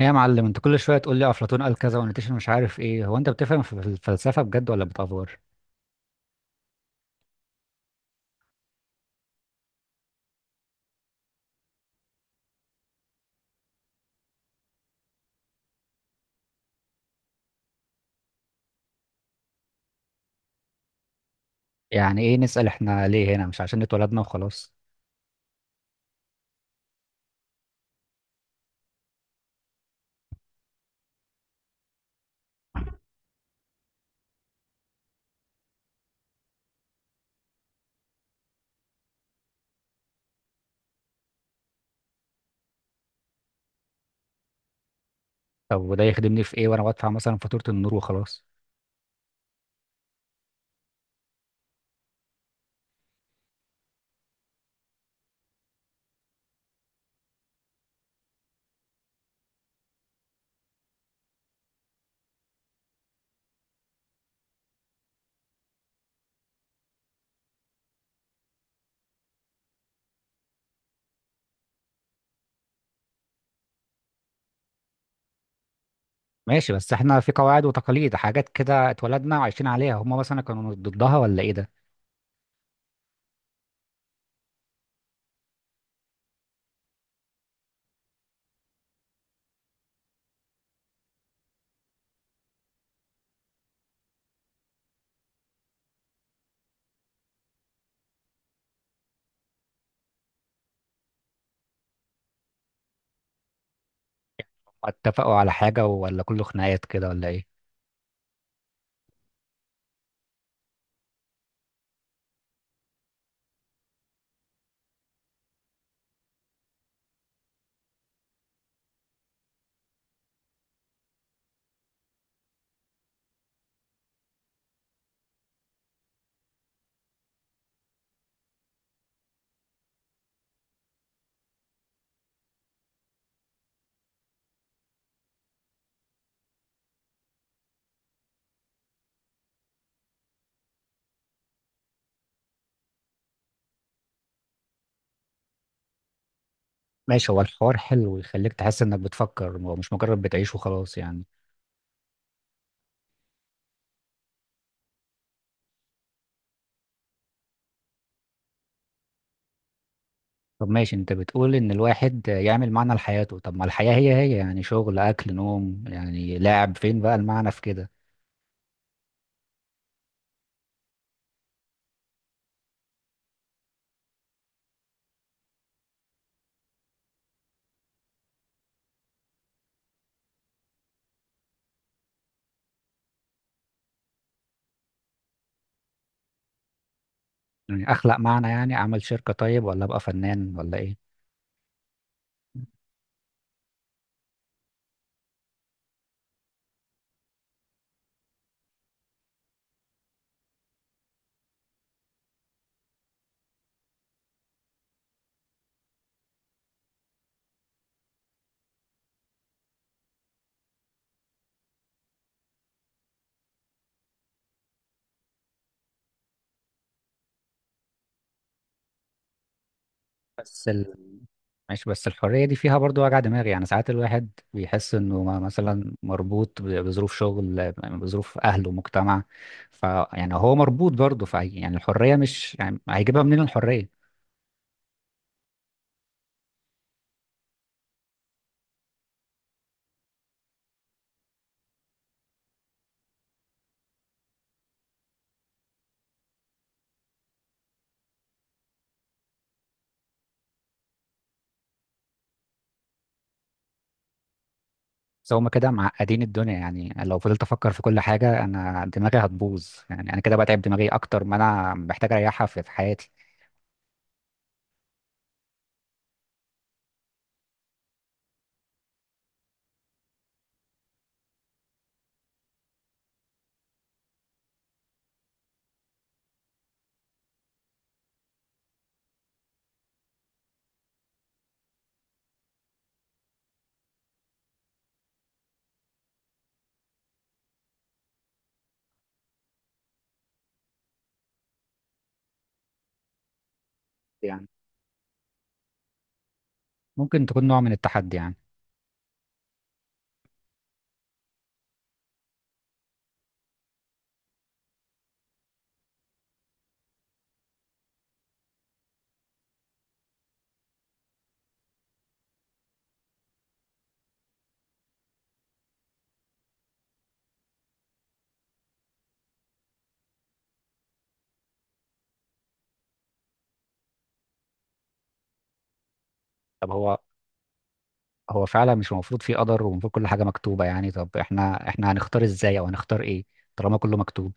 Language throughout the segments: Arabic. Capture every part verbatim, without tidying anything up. ايه يا معلم، انت كل شويه تقول لي افلاطون قال كذا ونيتشه مش عارف ايه. هو انت بتفهم في الفلسفه بجد ولا بتافور؟ يعني ايه نسال احنا ليه هنا؟ مش عشان اتولدنا وخلاص؟ طب وده يخدمني في ايه وانا بدفع مثلا فاتوره النور وخلاص؟ ماشي، بس احنا في قواعد وتقاليد حاجات كده اتولدنا وعايشين عليها. هم مثلا كانوا ضدها ولا ايه ده؟ اتفقوا على حاجه ولا كله خناقات كده ولا ايه؟ ماشي، هو الحوار حلو ويخليك تحس انك بتفكر ومش مجرد بتعيش وخلاص يعني. طب ماشي، انت بتقول ان الواحد يعمل معنى لحياته. طب ما الحياة هي هي يعني، شغل اكل نوم يعني، لاعب فين بقى المعنى في كده؟ يعني اخلق معنى؟ يعني اعمل شركة طيب ولا ابقى فنان ولا ايه؟ بس ال... ماشي، بس الحرية دي فيها برضو وجع دماغ. يعني ساعات الواحد بيحس انه ما- مثلا مربوط ب- بظروف شغل بظروف اهله ومجتمع. ف يعني هو مربوط برضه، ف يعني الحرية مش، يعني هيجيبها منين الحرية؟ بس هما كده معقدين الدنيا. يعني لو فضلت افكر في كل حاجه انا دماغي هتبوظ. يعني انا كده بتعب دماغي اكتر ما انا محتاج اريحها في في حياتي. يعني ممكن تكون نوع من التحدي يعني. طب هو، هو فعلا مش المفروض في قدر ومفروض كل حاجه مكتوبه يعني؟ طب احنا احنا هنختار ازاي او هنختار ايه طالما كله مكتوب؟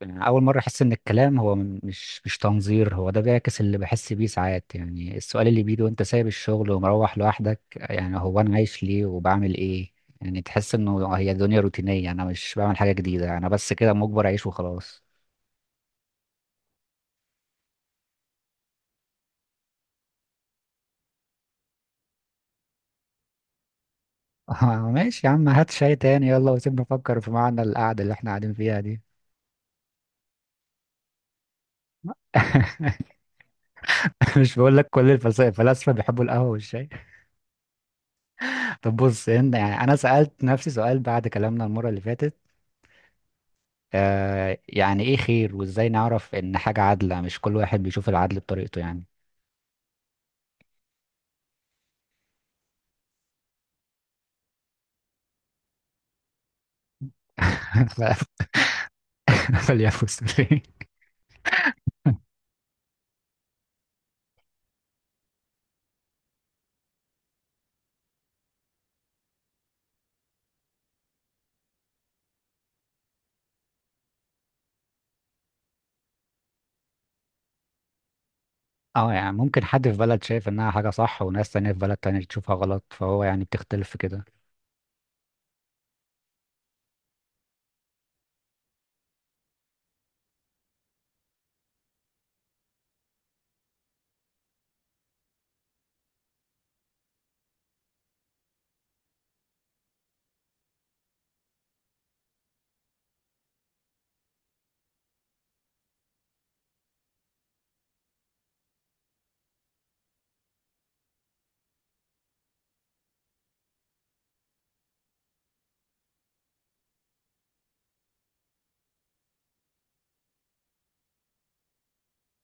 يعني أول مرة أحس إن الكلام هو م- مش مش تنظير. هو ده بيعكس اللي بحس بيه ساعات. يعني السؤال اللي بيجي وأنت سايب الشغل ومروح لوحدك، يعني هو أنا عايش ليه وبعمل إيه؟ يعني تحس إنه هي الدنيا روتينية. أنا مش بعمل حاجة جديدة، أنا بس كده مجبر أعيش وخلاص. ماشي يا عم، هات شاي تاني يلا وسيبنا نفكر في معنى القعدة اللي إحنا قاعدين فيها دي. مش بقول لك، كل الفلس- الفلاسفة بيحبوا القهوة والشاي. طب بص هنا، يعني أنا سألت نفسي سؤال بعد كلامنا المرة اللي فاتت. آه يعني ايه خير، وازاي نعرف ان حاجة عادلة؟ مش كل واحد بيشوف العدل بطريقته يعني؟ ف- فليفوز ليه؟ اه يعني ممكن حد في بلد شايف انها حاجة صح وناس تانية في بلد تانية تشوفها غلط، فهو يعني بتختلف في كده.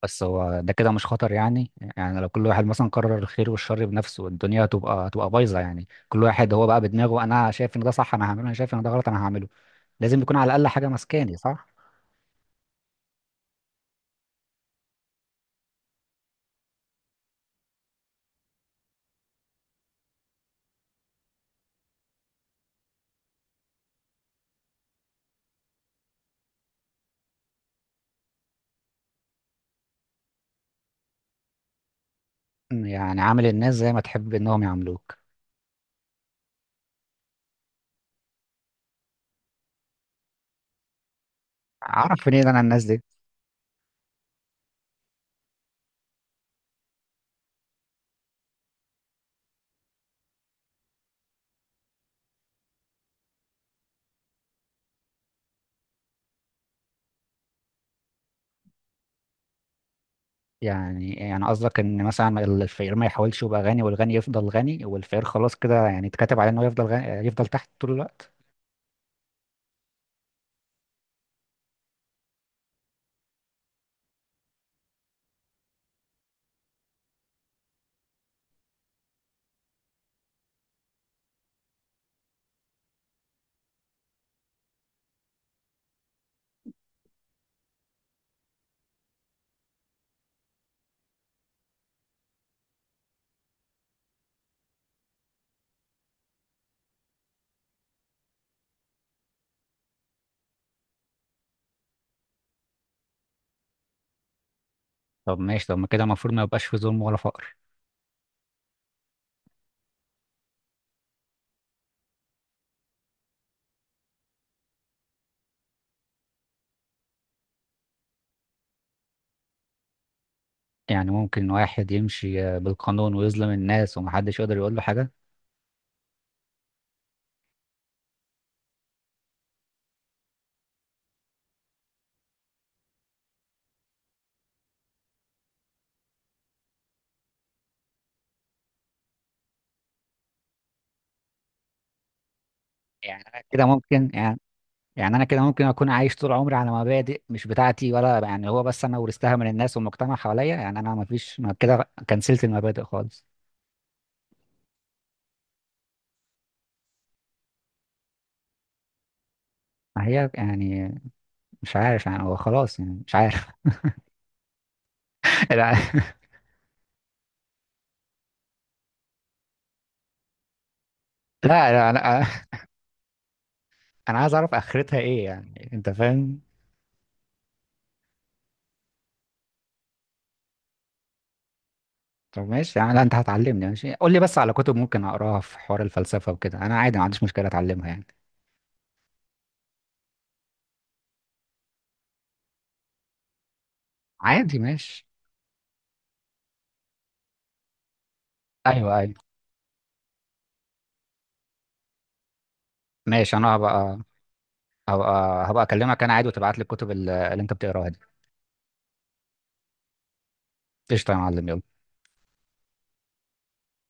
بس هو ده كده مش خطر يعني؟ يعني لو كل واحد مثلا قرر الخير والشر بنفسه الدنيا هتبقى هتبقى بايظة. يعني كل واحد هو بقى بدماغه، انا شايف ان ده صح انا هعمله، انا شايف ان ده غلط انا هعمله. لازم يكون على الاقل حاجة ماسكاني، صح؟ يعني عامل الناس زي ما تحب انهم يعاملوك. اعرف منين انا الناس دي؟ يعني يعني قصدك ان مثلا الفقير ما يحاولش يبقى غني والغني يفضل غني والفقير خلاص كده، يعني اتكتب عليه انه يفضل غني يفضل تحت طول الوقت؟ طب ماشي، طب ما كده المفروض ما يبقاش في ظلم ولا فقر؟ يعني ممكن واحد يمشي آه، بالقانون ويظلم الناس ومحدش يقدر يقول له حاجة؟ يعني انا كده ممكن يعني... يعني انا كده ممكن اكون عايش طول عمري على مبادئ مش بتاعتي؟ ولا يعني هو بس انا ورثتها من الناس والمجتمع حواليا؟ يعني انا ما فيش، ما كده كنسلت المبادئ خالص. ما هي يعني... مش عارف يعني. هو خلاص يعني، مش عارف. لا لا، انا... انا عايز اعرف اخرتها ايه يعني، انت فاهم؟ طب ماشي يعني، لا انت هتعلمني. ماشي قول لي بس على كتب ممكن اقراها في حوار الفلسفه وكده، انا عادي ما عنديش مشكله اتعلمها يعني. عادي ماشي. ايوه ايوه. ماشي، انا هبقى هبقى هبقى اكلمك انا عادي، وتبعت لي الكتب اللي اللي انت بتقراها دي. قشطه يا معلم، يلا.